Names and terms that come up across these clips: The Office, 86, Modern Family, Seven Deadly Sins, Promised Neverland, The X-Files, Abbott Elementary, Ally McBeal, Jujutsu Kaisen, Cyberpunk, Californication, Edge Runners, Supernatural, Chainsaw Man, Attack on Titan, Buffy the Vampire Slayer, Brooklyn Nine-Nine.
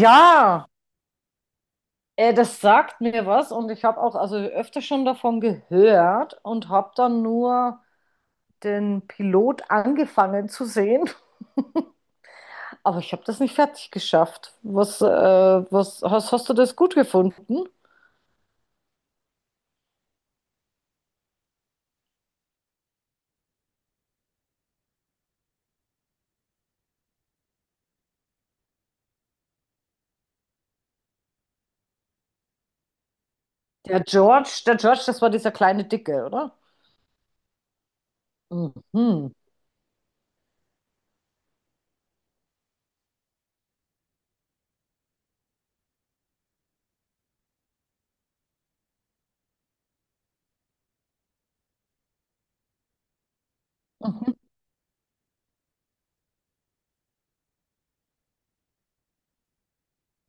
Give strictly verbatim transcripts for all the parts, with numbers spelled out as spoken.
Ja, äh, das sagt mir was und ich habe auch also öfter schon davon gehört und habe dann nur den Pilot angefangen zu sehen, aber ich habe das nicht fertig geschafft. Was, äh, was hast, hast du das gut gefunden? Der George, der George, das war dieser kleine Dicke, oder? Mhm. Mhm.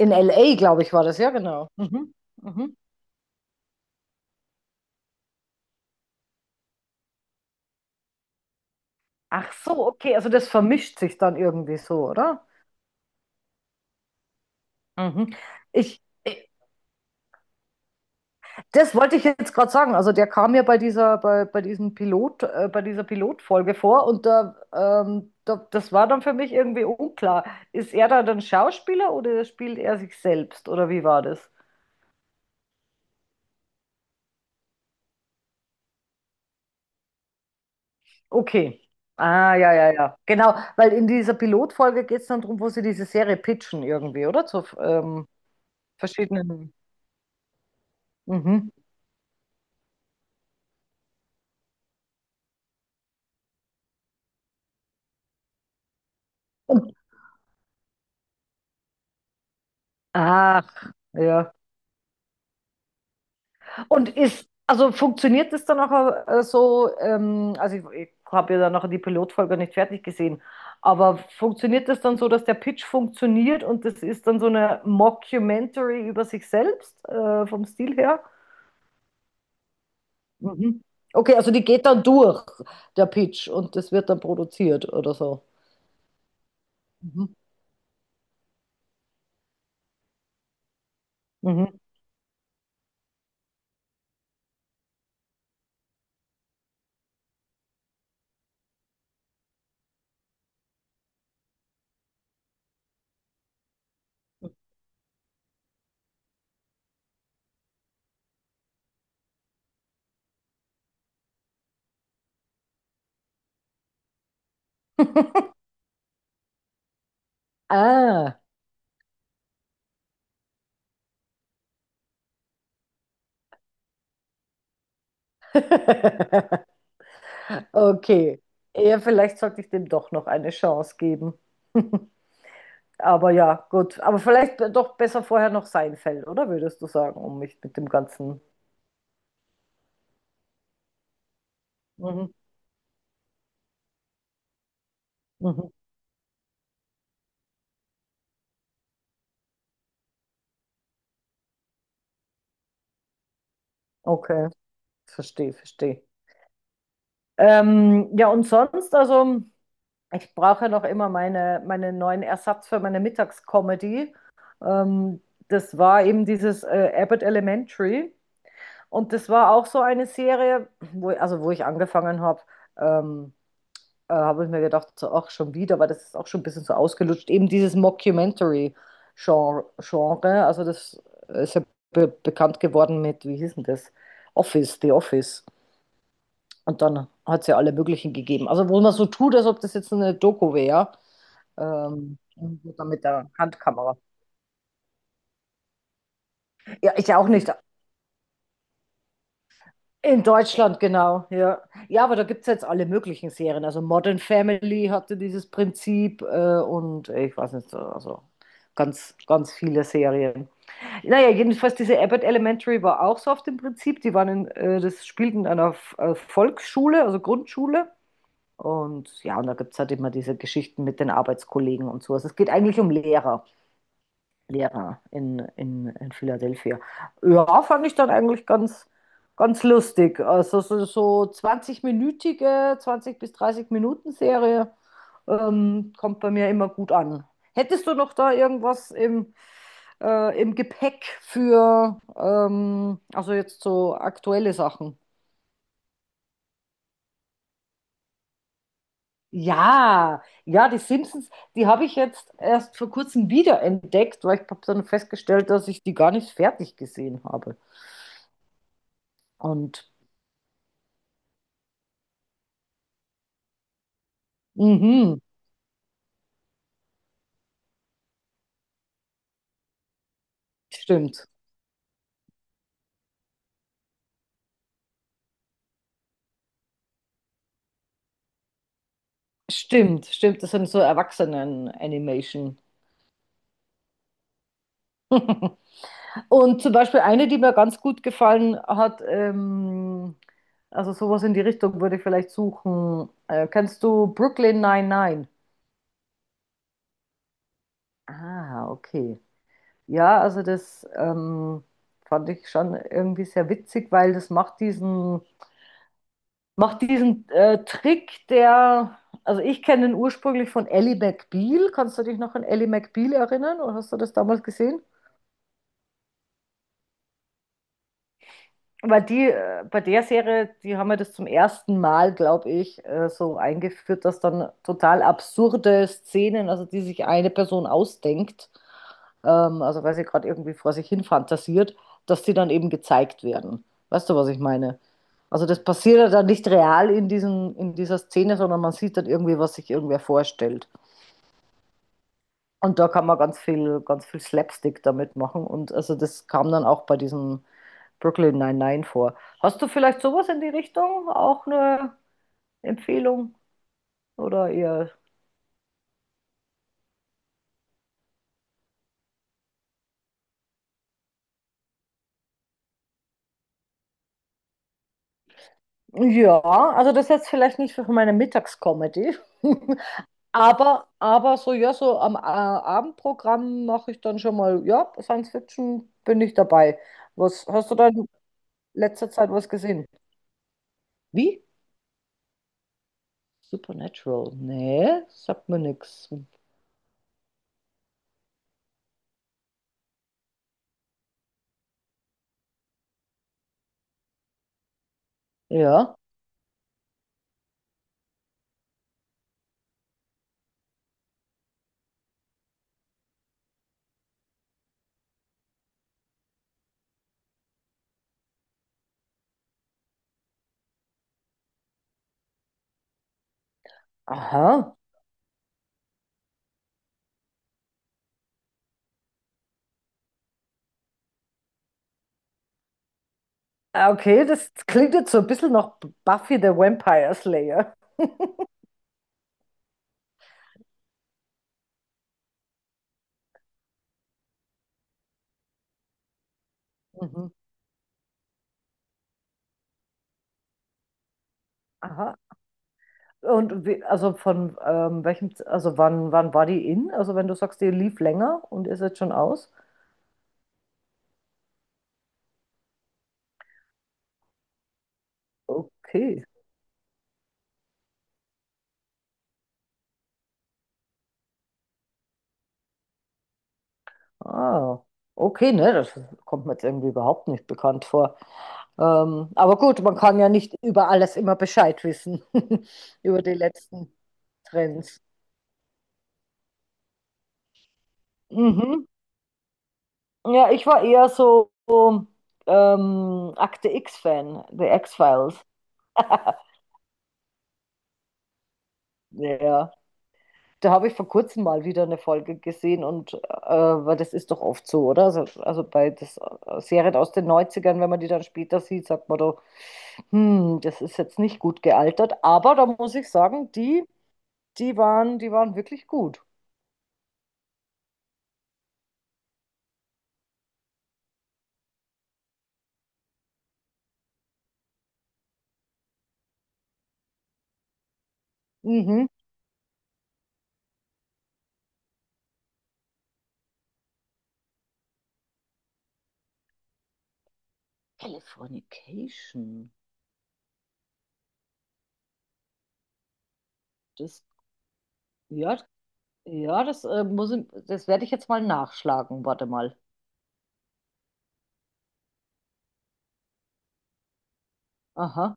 In L A, glaube ich, war das, ja, genau. Mhm. Mhm. Ach so, okay, also das vermischt sich dann irgendwie so, oder? Mhm. Ich, Das wollte ich jetzt gerade sagen. Also der kam ja bei dieser, bei, bei diesem Pilot, äh, bei dieser Pilotfolge vor und da, ähm, da, das war dann für mich irgendwie unklar. Ist er da dann Schauspieler oder spielt er sich selbst oder wie war das? Okay. Ah, ja, ja, ja. Genau, weil in dieser Pilotfolge geht es dann darum, wo sie diese Serie pitchen irgendwie, oder? Zu ähm, verschiedenen. Mhm. Und, ach, ja. Und ist, also funktioniert das dann auch äh, so, ähm, also ich, ich habe ja dann noch die Pilotfolge nicht fertig gesehen, aber funktioniert das dann so, dass der Pitch funktioniert und das ist dann so eine Mockumentary über sich selbst, äh, vom Stil her? Mhm. Okay, also die geht dann durch, der Pitch, und das wird dann produziert oder so. Mhm. Mhm. Ah, okay. Ja, vielleicht sollte ich dem doch noch eine Chance geben. Aber ja, gut. Aber vielleicht doch besser vorher noch Seinfeld, oder würdest du sagen, um mich mit dem Ganzen. Mhm. Mhm. Okay, verstehe, verstehe. Ähm, ja, und sonst, also ich brauche ja noch immer meine, meinen neuen Ersatz für meine Mittagscomedy. Ähm, das war eben dieses äh, Abbott Elementary. Und das war auch so eine Serie, wo, also wo ich angefangen habe. Ähm, äh, habe ich mir gedacht, so, ach, schon wieder, weil das ist auch schon ein bisschen so ausgelutscht. Eben dieses Mockumentary-Genre, Genre, also das ist ja be bekannt geworden mit, wie hieß denn das? Office, The Office. Und dann hat es ja alle möglichen gegeben. Also wo man so tut, als ob das jetzt eine Doku wäre, ähm, und so dann mit der Handkamera. Ja, ich ja auch nicht. In Deutschland, genau, ja. Ja, aber da gibt es jetzt alle möglichen Serien. Also Modern Family hatte dieses Prinzip äh, und ich weiß nicht, also ganz, ganz viele Serien. Naja, jedenfalls diese Abbott Elementary war auch so auf dem Prinzip. Die waren in, äh, das spielten in einer F- äh, Volksschule, also Grundschule. Und ja, und da gibt es halt immer diese Geschichten mit den Arbeitskollegen und so. Also es geht eigentlich um Lehrer. Ja, in, in, in Philadelphia. Ja, fand ich dann eigentlich ganz, ganz lustig. Also so, so zwanzig-minütige, zwanzig minütige zwanzig bis dreißig Minuten Serie ähm, kommt bei mir immer gut an. Hättest du noch da irgendwas im, äh, im Gepäck für, ähm, also jetzt so aktuelle Sachen? Ja, ja, die Simpsons, die habe ich jetzt erst vor kurzem wiederentdeckt, weil ich habe dann festgestellt, dass ich die gar nicht fertig gesehen habe. Und mhm, stimmt. Stimmt, stimmt. Das sind so Erwachsenen-Animation. Und zum Beispiel eine, die mir ganz gut gefallen hat, ähm, also sowas in die Richtung würde ich vielleicht suchen. Äh, kennst du Brooklyn neunundneunzig? Ah, okay. Ja, also das ähm, fand ich schon irgendwie sehr witzig, weil das macht diesen Macht diesen äh, Trick, der, also ich kenne den ursprünglich von Ally McBeal. Kannst du dich noch an Ally McBeal erinnern oder hast du das damals gesehen? Weil die, äh, bei der Serie, die haben ja das zum ersten Mal, glaube ich, äh, so eingeführt, dass dann total absurde Szenen, also die sich eine Person ausdenkt, ähm, also weil sie gerade irgendwie vor sich hin fantasiert, dass die dann eben gezeigt werden. Weißt du, was ich meine? Also das passiert ja dann nicht real in diesen, in dieser Szene, sondern man sieht dann irgendwie, was sich irgendwer vorstellt. Und da kann man ganz viel, ganz viel Slapstick damit machen. Und also das kam dann auch bei diesem Brooklyn Nine-Nine vor. Hast du vielleicht sowas in die Richtung? Auch eine Empfehlung? Oder eher. Ja, also das ist jetzt vielleicht nicht für meine Mittagscomedy. Aber, aber so, ja, so am äh, Abendprogramm mache ich dann schon mal, ja, Science Fiction bin ich dabei. Was hast du da in letzter Zeit was gesehen? Wie? Supernatural? Nee, sagt mir nichts. Ja. Aha. Ah, okay, das klingt jetzt so ein bisschen nach Buffy the Vampire Slayer. Mhm. Aha. Und wie, also von ähm, welchem, Z- also wann, wann war die in? Also wenn du sagst, die lief länger und ist jetzt schon aus? Okay. Ah, okay, ne, das kommt mir jetzt irgendwie überhaupt nicht bekannt vor. Ähm, aber gut, man kann ja nicht über alles immer Bescheid wissen, über die letzten Trends. Mhm. Ja, ich war eher so ähm, Akte X-Fan, The X-Files. Ja. Da habe ich vor kurzem mal wieder eine Folge gesehen und äh, weil das ist doch oft so, oder? Also, also bei das äh, Serien aus den Neunzigern, wenn man die dann später sieht, sagt man doch, hm, das ist jetzt nicht gut gealtert, aber da muss ich sagen, die, die waren, die waren wirklich gut. Mhm. Californication. Das, ja, ja, das äh, muss ich, das werde ich jetzt mal nachschlagen. Warte mal. Aha.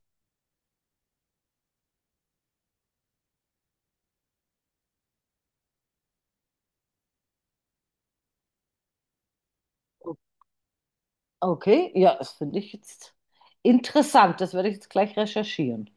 O- Okay, ja, das finde ich jetzt interessant. Das werde ich jetzt gleich recherchieren.